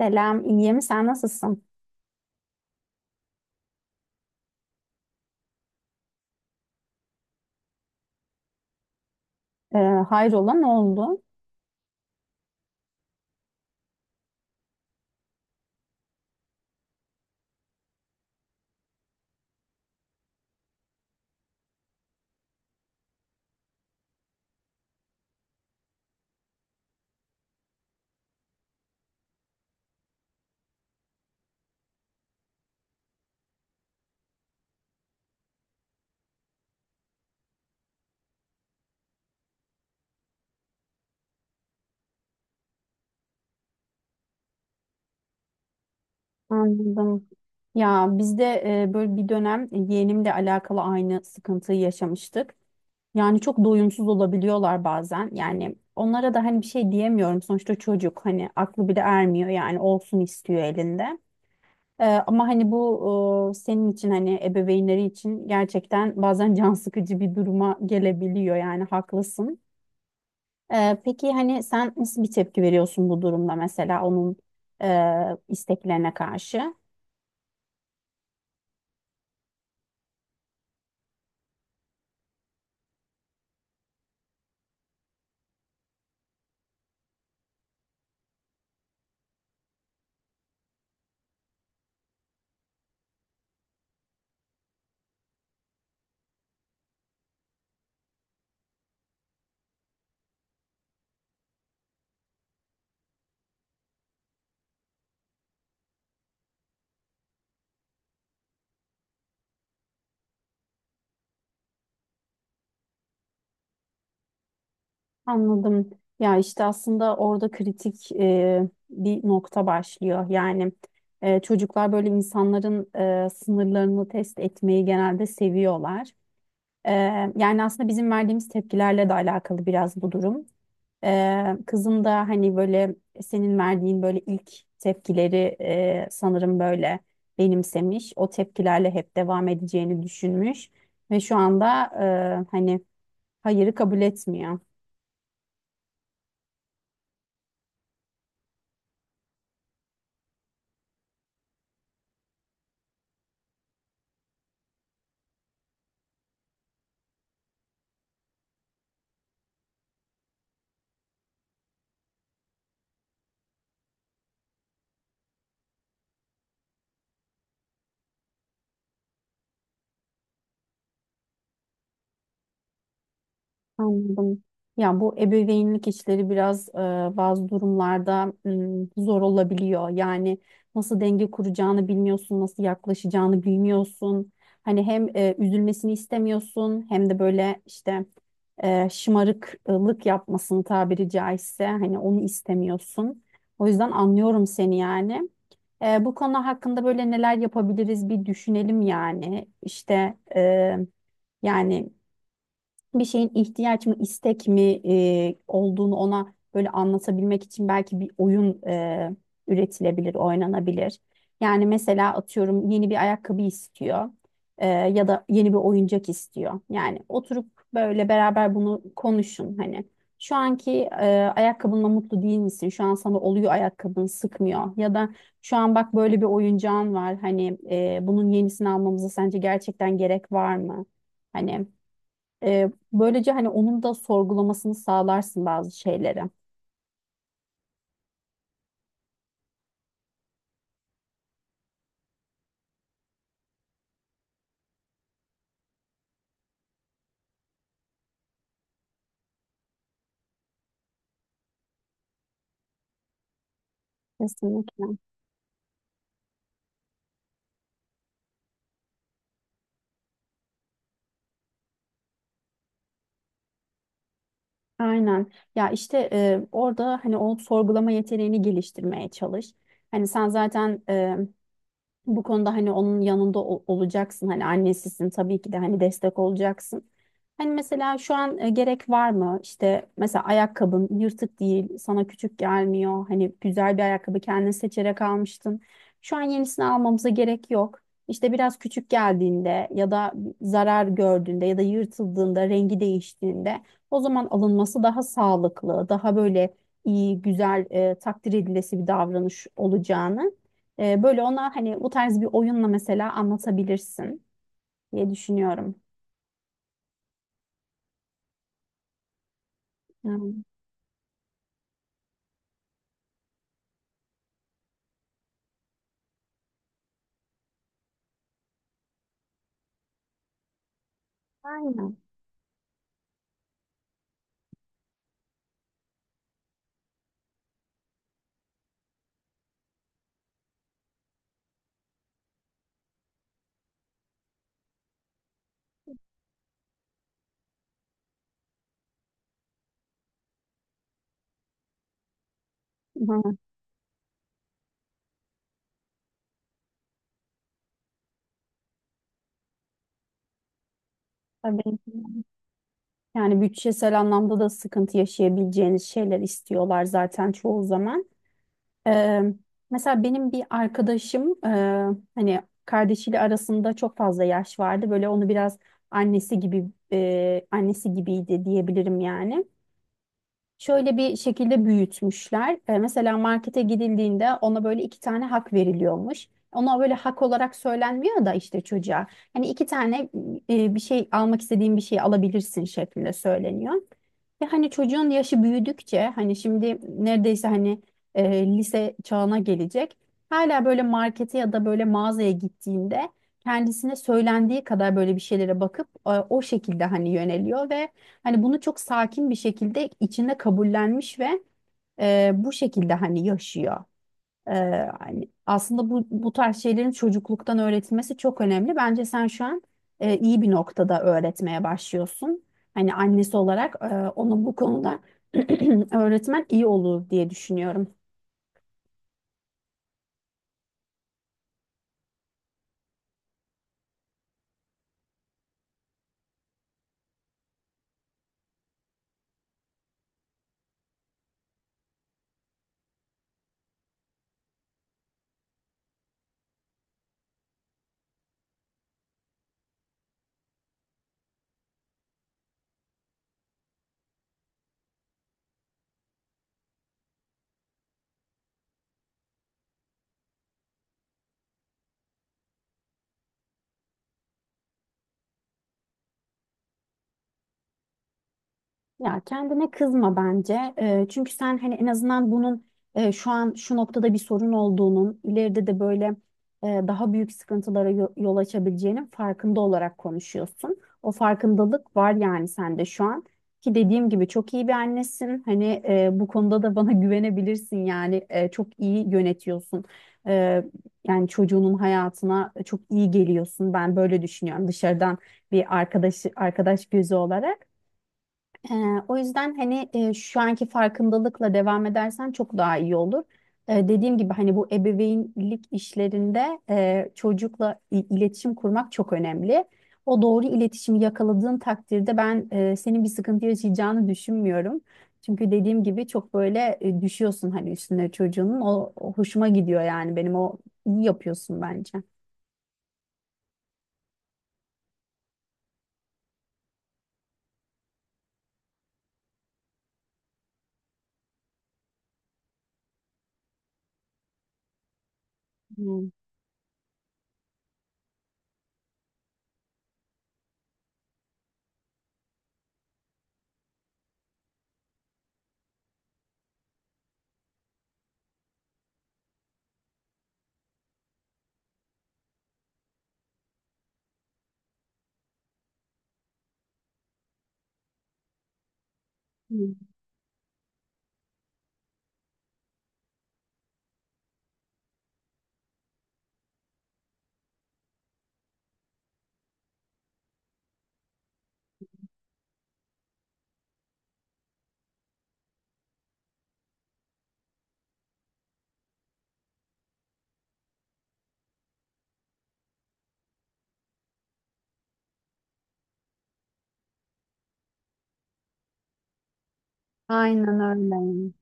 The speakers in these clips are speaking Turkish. Selam, iyiyim. Sen nasılsın? Ee, hayrola, ne oldu? Anladım. Ya biz de böyle bir dönem yeğenimle alakalı aynı sıkıntıyı yaşamıştık. Yani çok doyumsuz olabiliyorlar bazen. Yani onlara da hani bir şey diyemiyorum. Sonuçta çocuk hani aklı bile ermiyor yani olsun istiyor elinde. Ama hani bu senin için hani ebeveynleri için gerçekten bazen can sıkıcı bir duruma gelebiliyor yani haklısın. Peki hani sen nasıl bir tepki veriyorsun bu durumda mesela onun isteklerine karşı? Anladım. Ya işte aslında orada kritik bir nokta başlıyor. Yani çocuklar böyle insanların sınırlarını test etmeyi genelde seviyorlar. E, yani aslında bizim verdiğimiz tepkilerle de alakalı biraz bu durum. Kızım da hani böyle senin verdiğin böyle ilk tepkileri sanırım böyle benimsemiş. O tepkilerle hep devam edeceğini düşünmüş ve şu anda hani hayırı kabul etmiyor. Anladım. Ya bu ebeveynlik işleri biraz bazı durumlarda zor olabiliyor. Yani nasıl denge kuracağını bilmiyorsun, nasıl yaklaşacağını bilmiyorsun. Hani hem üzülmesini istemiyorsun hem de böyle işte şımarıklık yapmasını tabiri caizse hani onu istemiyorsun. O yüzden anlıyorum seni yani. E, bu konu hakkında böyle neler yapabiliriz bir düşünelim yani. İşte yani bir şeyin ihtiyaç mı istek mi olduğunu ona böyle anlatabilmek için belki bir oyun üretilebilir, oynanabilir. Yani mesela atıyorum yeni bir ayakkabı istiyor ya da yeni bir oyuncak istiyor. Yani oturup böyle beraber bunu konuşun hani. Şu anki e, ayakkabınla mutlu değil misin? Şu an sana oluyor ayakkabın sıkmıyor. Ya da şu an bak böyle bir oyuncağın var. Hani bunun yenisini almamıza sence gerçekten gerek var mı? Hani böylece hani onun da sorgulamasını sağlarsın bazı şeyleri. Kesinlikle. Aynen. Ya işte orada hani o sorgulama yeteneğini geliştirmeye çalış. Hani sen zaten bu konuda hani onun yanında olacaksın. Hani annesisin tabii ki de hani destek olacaksın. Hani mesela şu an gerek var mı? İşte mesela ayakkabın yırtık değil, sana küçük gelmiyor. Hani güzel bir ayakkabı kendin seçerek almıştın. Şu an yenisini almamıza gerek yok. İşte biraz küçük geldiğinde ya da zarar gördüğünde ya da yırtıldığında, rengi değiştiğinde o zaman alınması daha sağlıklı, daha böyle iyi, güzel, takdir edilesi bir davranış olacağını böyle ona hani bu tarz bir oyunla mesela anlatabilirsin diye düşünüyorum. Yani, aynen. Hı, tabii. Yani bütçesel anlamda da sıkıntı yaşayabileceğiniz şeyler istiyorlar zaten çoğu zaman. Ee, mesela benim bir arkadaşım hani kardeşiyle arasında çok fazla yaş vardı. Böyle onu biraz annesi gibi annesi gibiydi diyebilirim yani. Şöyle bir şekilde büyütmüşler. E, mesela markete gidildiğinde ona böyle iki tane hak veriliyormuş. Ona böyle hak olarak söylenmiyor da işte çocuğa. Hani iki tane bir şey almak istediğin bir şey alabilirsin şeklinde söyleniyor. Ve hani çocuğun yaşı büyüdükçe hani şimdi neredeyse hani lise çağına gelecek. Hala böyle markete ya da böyle mağazaya gittiğinde kendisine söylendiği kadar böyle bir şeylere bakıp o şekilde hani yöneliyor ve hani bunu çok sakin bir şekilde içinde kabullenmiş ve bu şekilde hani yaşıyor. E, hani aslında bu tarz şeylerin çocukluktan öğretilmesi çok önemli. Bence sen şu an iyi bir noktada öğretmeye başlıyorsun. Hani annesi olarak ona bu konuda öğretmen iyi olur diye düşünüyorum. Ya kendine kızma bence. Çünkü sen hani en azından bunun şu an şu noktada bir sorun olduğunun, ileride de böyle daha büyük sıkıntılara yol açabileceğinin farkında olarak konuşuyorsun. O farkındalık var yani sende şu an. Ki dediğim gibi çok iyi bir annesin. Hani bu konuda da bana güvenebilirsin yani. E, çok iyi yönetiyorsun. E, yani çocuğunun hayatına çok iyi geliyorsun. Ben böyle düşünüyorum dışarıdan bir arkadaş gözü olarak. Ee, o yüzden hani şu anki farkındalıkla devam edersen çok daha iyi olur. Dediğim gibi hani bu ebeveynlik işlerinde çocukla iletişim kurmak çok önemli. O doğru iletişimi yakaladığın takdirde ben senin bir sıkıntı yaşayacağını düşünmüyorum. Çünkü dediğim gibi çok böyle düşüyorsun hani üstüne çocuğunun. O, o hoşuma gidiyor yani benim o iyi yapıyorsun bence. Hmm, hmm. Aynen öyle.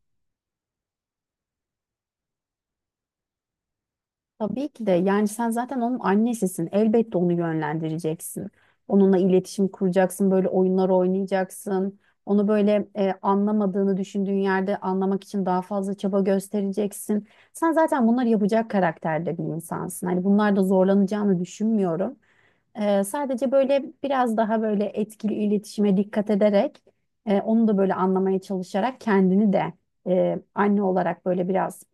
Tabii ki de yani sen zaten onun annesisin. Elbette onu yönlendireceksin. Onunla iletişim kuracaksın, böyle oyunlar oynayacaksın. Onu böyle anlamadığını düşündüğün yerde anlamak için daha fazla çaba göstereceksin. Sen zaten bunları yapacak karakterde bir insansın. Hani bunlarda zorlanacağını düşünmüyorum. E, sadece böyle biraz daha böyle etkili iletişime dikkat ederek, onu da böyle anlamaya çalışarak kendini de anne olarak böyle biraz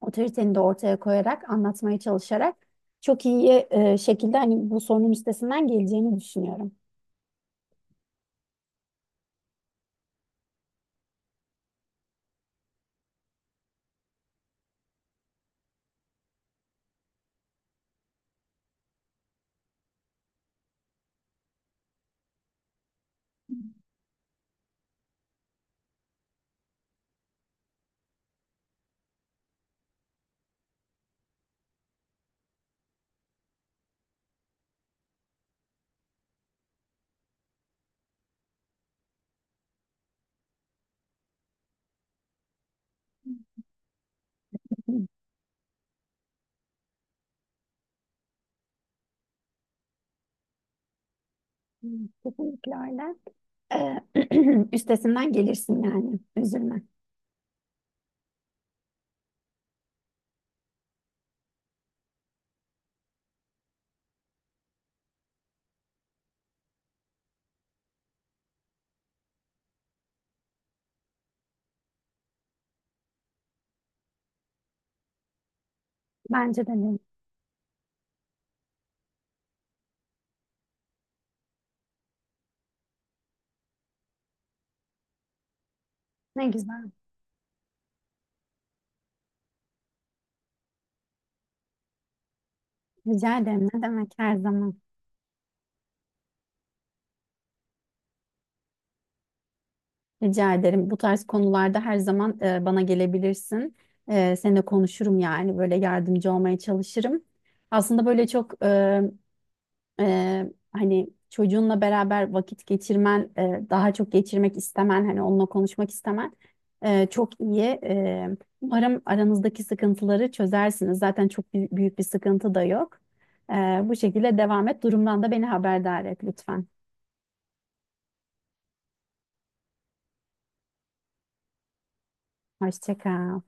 otoriteni de ortaya koyarak, anlatmaya çalışarak çok iyi şekilde hani bu sorunun üstesinden geleceğini düşünüyorum. Hı, hı, kesinlikle öyle. E, üstesinden gelirsin yani. Üzülme. Bence de ne güzel. Rica ederim. Ne demek her zaman. Rica ederim. Bu tarz konularda her zaman bana gelebilirsin. Seninle konuşurum yani. Böyle yardımcı olmaya çalışırım. Aslında böyle çok hani çocuğunla beraber vakit geçirmen, daha çok geçirmek istemen, hani onunla konuşmak istemen çok iyi. Umarım aranızdaki sıkıntıları çözersiniz. Zaten çok büyük bir sıkıntı da yok. Bu şekilde devam et. Durumdan da beni haberdar et lütfen. Hoşça kal.